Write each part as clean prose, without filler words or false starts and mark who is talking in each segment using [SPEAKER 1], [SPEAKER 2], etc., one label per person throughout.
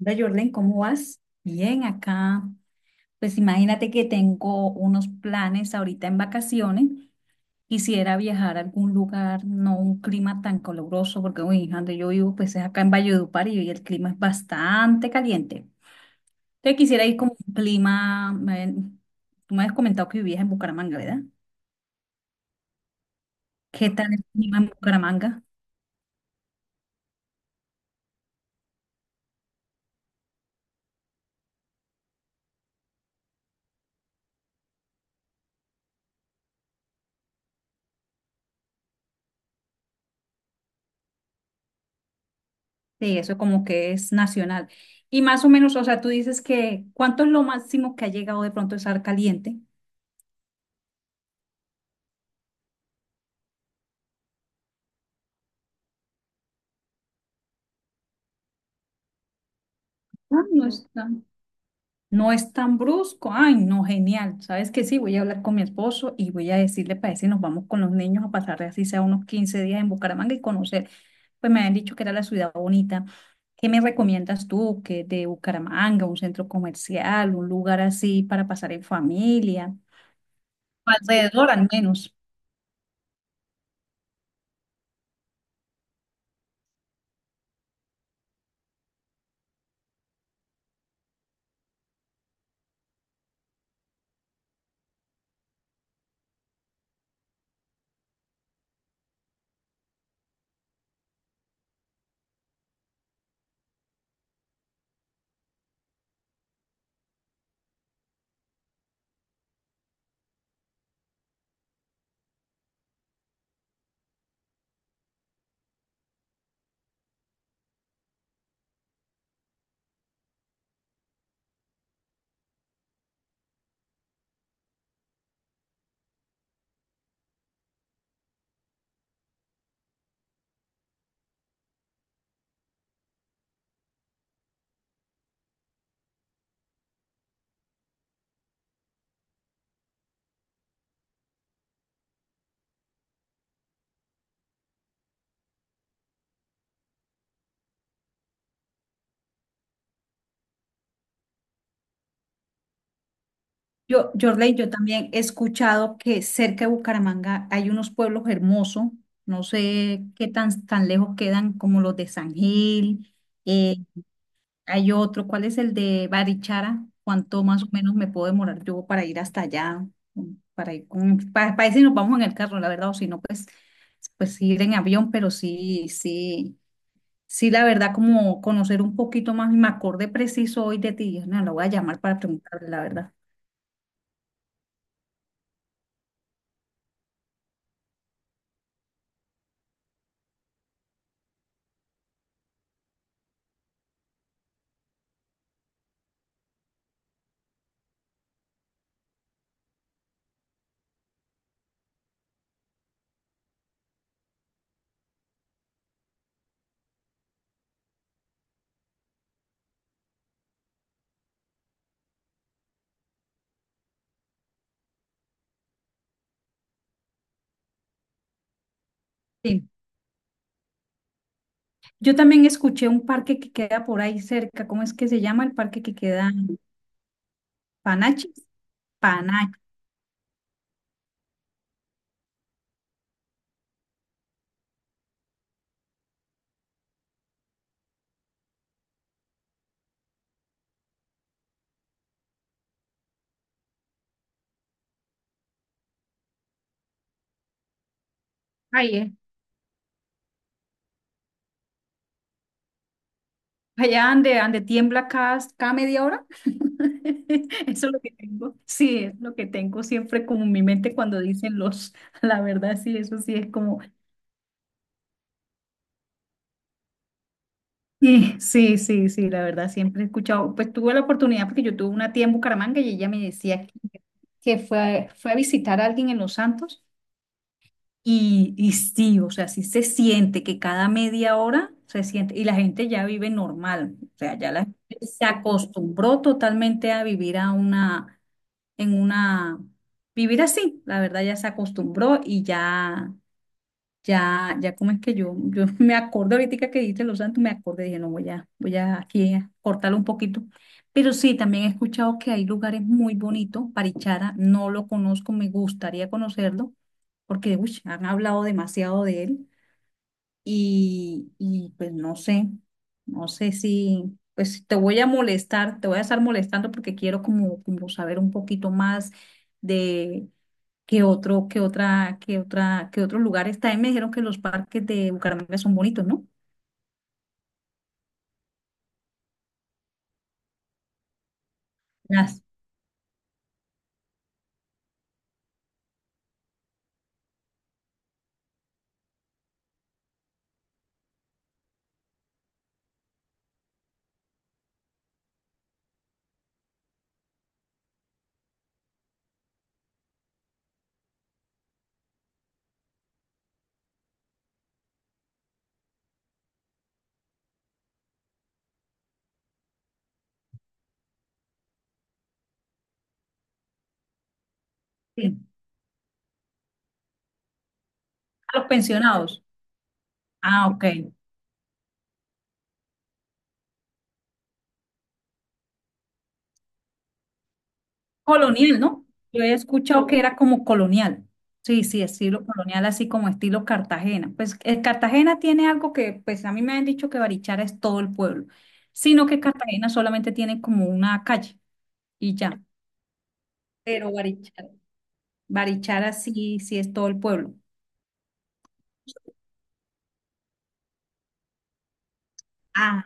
[SPEAKER 1] Hola Jorlen, ¿cómo vas? Bien, acá. Pues imagínate que tengo unos planes ahorita en vacaciones. Quisiera viajar a algún lugar, no un clima tan caluroso, porque uy, donde yo vivo, pues es acá en Valledupar y el clima es bastante caliente. Entonces quisiera ir con un clima. Tú me has comentado que vivías en Bucaramanga, ¿verdad? ¿Qué tal el clima en Bucaramanga? Sí, eso como que es nacional. Y más o menos, o sea, tú dices que ¿cuánto es lo máximo que ha llegado de pronto a estar caliente? Ah, no está. No es tan brusco. Ay, no, genial. ¿Sabes qué? Sí, voy a hablar con mi esposo y voy a decirle para si nos vamos con los niños a pasar así sea unos 15 días en Bucaramanga y conocer. Pues me habían dicho que era la ciudad bonita. ¿Qué me recomiendas tú? ¿Que de Bucaramanga, un centro comercial, un lugar así para pasar en familia? Alrededor al menos. Yo, Jorley, yo también he escuchado que cerca de Bucaramanga hay unos pueblos hermosos, no sé qué tan, tan lejos quedan, como los de San Gil, eh, hay otro, ¿cuál es el de Barichara? ¿Cuánto más o menos me puedo demorar yo para ir hasta allá? Para ir, si nos vamos en el carro, la verdad, o si no, pues, sí, ir en avión, pero sí, sí, sí, la verdad, como conocer un poquito más, y me acordé preciso hoy de ti, dije, no, lo voy a llamar para preguntarle, la verdad. Sí. Yo también escuché un parque que queda por ahí cerca, ¿cómo es que se llama el parque que queda? Panachi, Panachi. Ay, es Allá ande tiembla cada media hora. Eso es lo que tengo. Sí, es lo que tengo siempre como en mi mente cuando dicen la verdad, sí, eso sí es como, sí, sí, sí, sí, la verdad, siempre he escuchado, pues tuve la oportunidad porque yo tuve una tía en Bucaramanga y ella me decía que fue, fue a visitar a alguien en Los Santos y sí, o sea, sí se siente que cada media hora se siente, y la gente ya vive normal, o sea, ya la gente se acostumbró totalmente a vivir a una en una vivir así. La verdad ya se acostumbró y ya, como es que yo me acordé ahorita que dijiste Los Santos, me acordé, dije, no, voy a aquí a cortarlo un poquito. Pero sí, también he escuchado que hay lugares muy bonitos, Parichara, no lo conozco, me gustaría conocerlo, porque uy, han hablado demasiado de él y pues no sé si, pues te voy a molestar, te voy a estar molestando porque quiero como saber un poquito más de qué otro, qué otra, qué otra, qué otros lugares. También me dijeron que los parques de Bucaramanga son bonitos, ¿no? Las, sí, a los pensionados. Ah, ok. Colonial, ¿no? Yo he escuchado que era como colonial. Sí, sí, estilo colonial, así como estilo Cartagena. Pues Cartagena tiene algo que, pues a mí me han dicho que Barichara es todo el pueblo, sino que Cartagena solamente tiene como una calle y ya. Pero Barichara, Barichara sí, sí es todo el pueblo. Ah,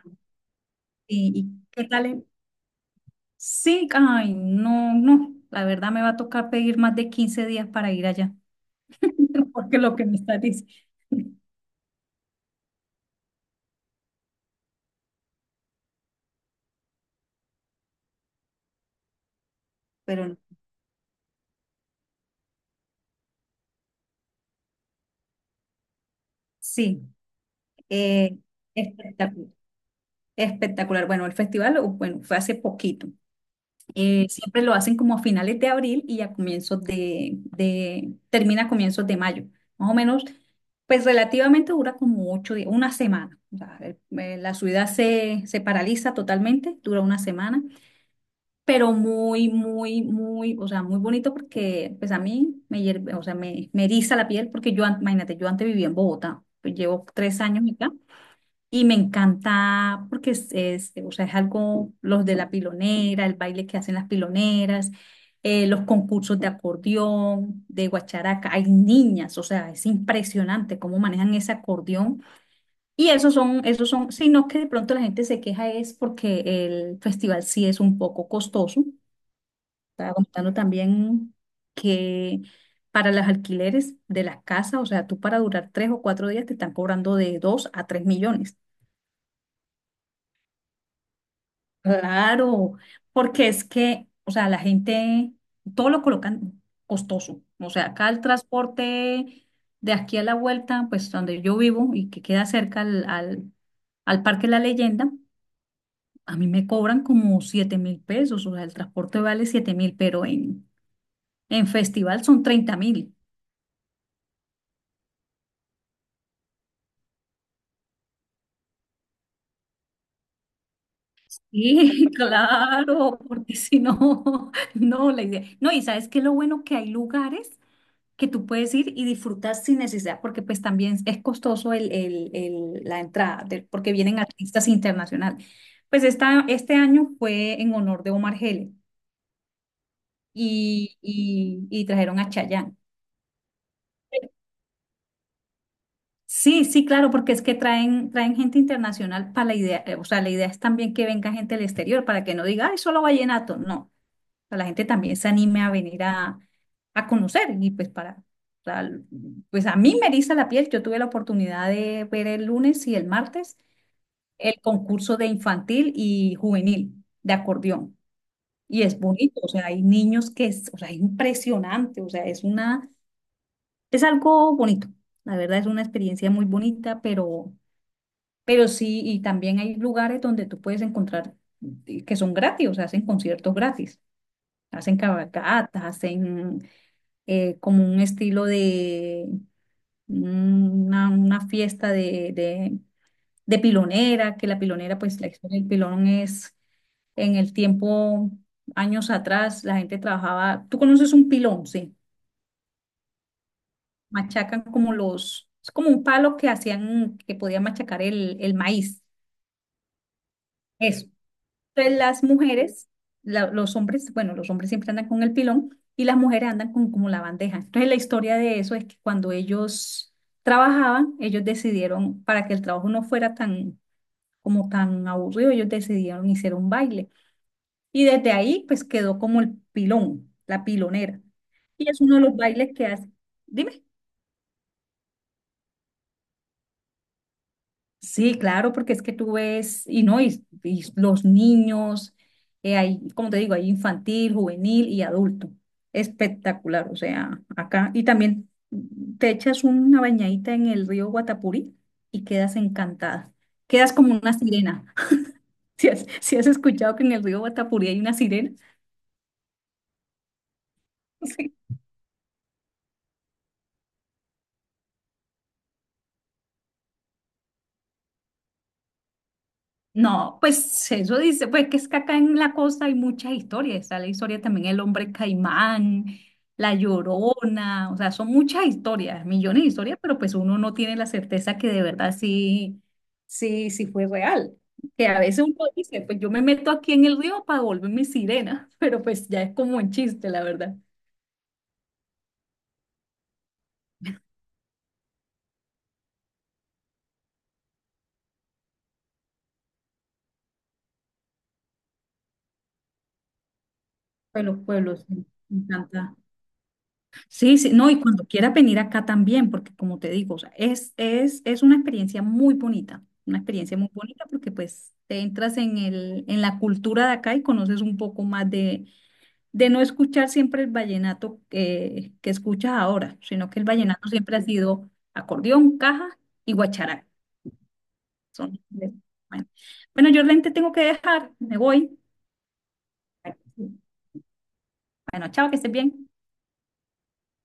[SPEAKER 1] sí, ¿y qué tal? Sí, ay, no, no, la verdad me va a tocar pedir más de 15 días para ir allá, porque lo que me está diciendo. Pero no, sí. Eh, Espectacular, espectacular. Bueno, el festival, bueno, fue hace poquito. Siempre lo hacen como a finales de abril y a comienzos de, termina a comienzos de mayo. Más o menos, pues relativamente dura como 8 días, una semana. O sea, la ciudad se paraliza totalmente, dura una semana, pero muy, muy, muy, o sea, muy bonito, porque pues a mí o sea, me eriza la piel, porque imagínate, yo antes vivía en Bogotá, pues llevo 3 años acá y me encanta porque o sea, es algo, los de la pilonera, el baile que hacen las piloneras, los concursos de acordeón, de guacharaca. Hay niñas, o sea, es impresionante cómo manejan ese acordeón. Y sino que de pronto la gente se queja es porque el festival sí es un poco costoso. Estaba contando también que para los alquileres de las casas, o sea, tú para durar 3 o 4 días te están cobrando de 2 a 3 millones. Claro, porque es que, o sea, la gente, todo lo colocan costoso. O sea, acá el transporte de aquí a la vuelta, pues donde yo vivo y que queda cerca al, al Parque La Leyenda, a mí me cobran como 7.000 pesos. O sea, el transporte vale 7.000, pero en festival son 30.000. Sí, claro, porque si no, no, la idea. No, y sabes qué lo bueno, que hay lugares que tú puedes ir y disfrutar sin necesidad, porque pues también es costoso el, la entrada, porque vienen artistas internacionales. Pues este año fue en honor de Omar Geles y trajeron a Chayanne. Sí, sí, claro, porque es que traen gente internacional para la idea, o sea, la idea es también que venga gente del exterior, para que no diga, ay, solo vallenato, no. Sea, la gente también se anime a venir a conocer, y pues para, para- pues a mí me eriza la piel, yo tuve la oportunidad de ver el lunes y el martes el concurso de infantil y juvenil de acordeón, y es bonito, o sea, hay niños que es, o sea, es impresionante, o sea, es algo bonito, la verdad, es una experiencia muy bonita, pero sí, y también hay lugares donde tú puedes encontrar que son gratis, o sea, hacen conciertos gratis. Hacen cabalgatas, hacen como un estilo de una fiesta de, de pilonera, que la pilonera, pues la historia del pilón es en el tiempo, años atrás, la gente trabajaba. Tú conoces un pilón, sí, machacan como es como un palo que hacían, que podían machacar el maíz. Eso. Entonces, las mujeres, la- los hombres, bueno, los hombres siempre andan con el pilón y las mujeres andan con como la bandeja. Entonces, la historia de eso es que cuando ellos trabajaban, ellos decidieron, para que el trabajo no fuera como tan aburrido, ellos decidieron hacer un baile. Y desde ahí, pues quedó como el pilón, la pilonera. Y es uno de los bailes que hace. Dime. Sí, claro, porque es que tú ves, y no, y los niños, hay, como te digo, hay infantil, juvenil y adulto. Espectacular, o sea, acá. Y también te echas una bañadita en el río Guatapurí y quedas encantada. Quedas como una sirena. Si has escuchado que en el río Guatapurí hay una sirena, no, pues eso dice, pues que es que acá en la costa hay muchas historias, está la historia también el hombre caimán, la Llorona, o sea, son muchas historias, millones de historias, pero pues uno no tiene la certeza que de verdad sí, sí, sí fue real. Que a veces uno dice, pues yo me meto aquí en el río para volverme sirena, pero pues ya es como un chiste, la verdad. Pero los pueblos, me encanta. Sí, sí, no, y cuando quieras venir acá también, porque como te digo, o sea, es una experiencia muy bonita, una experiencia muy bonita, porque pues te entras en la cultura de acá y conoces un poco más de no escuchar siempre el vallenato que escuchas ahora, sino que el vallenato siempre ha sido acordeón, caja y guacharaca. Son, bueno, bueno, yo te tengo que dejar, me voy. Bueno, chao, que estés bien.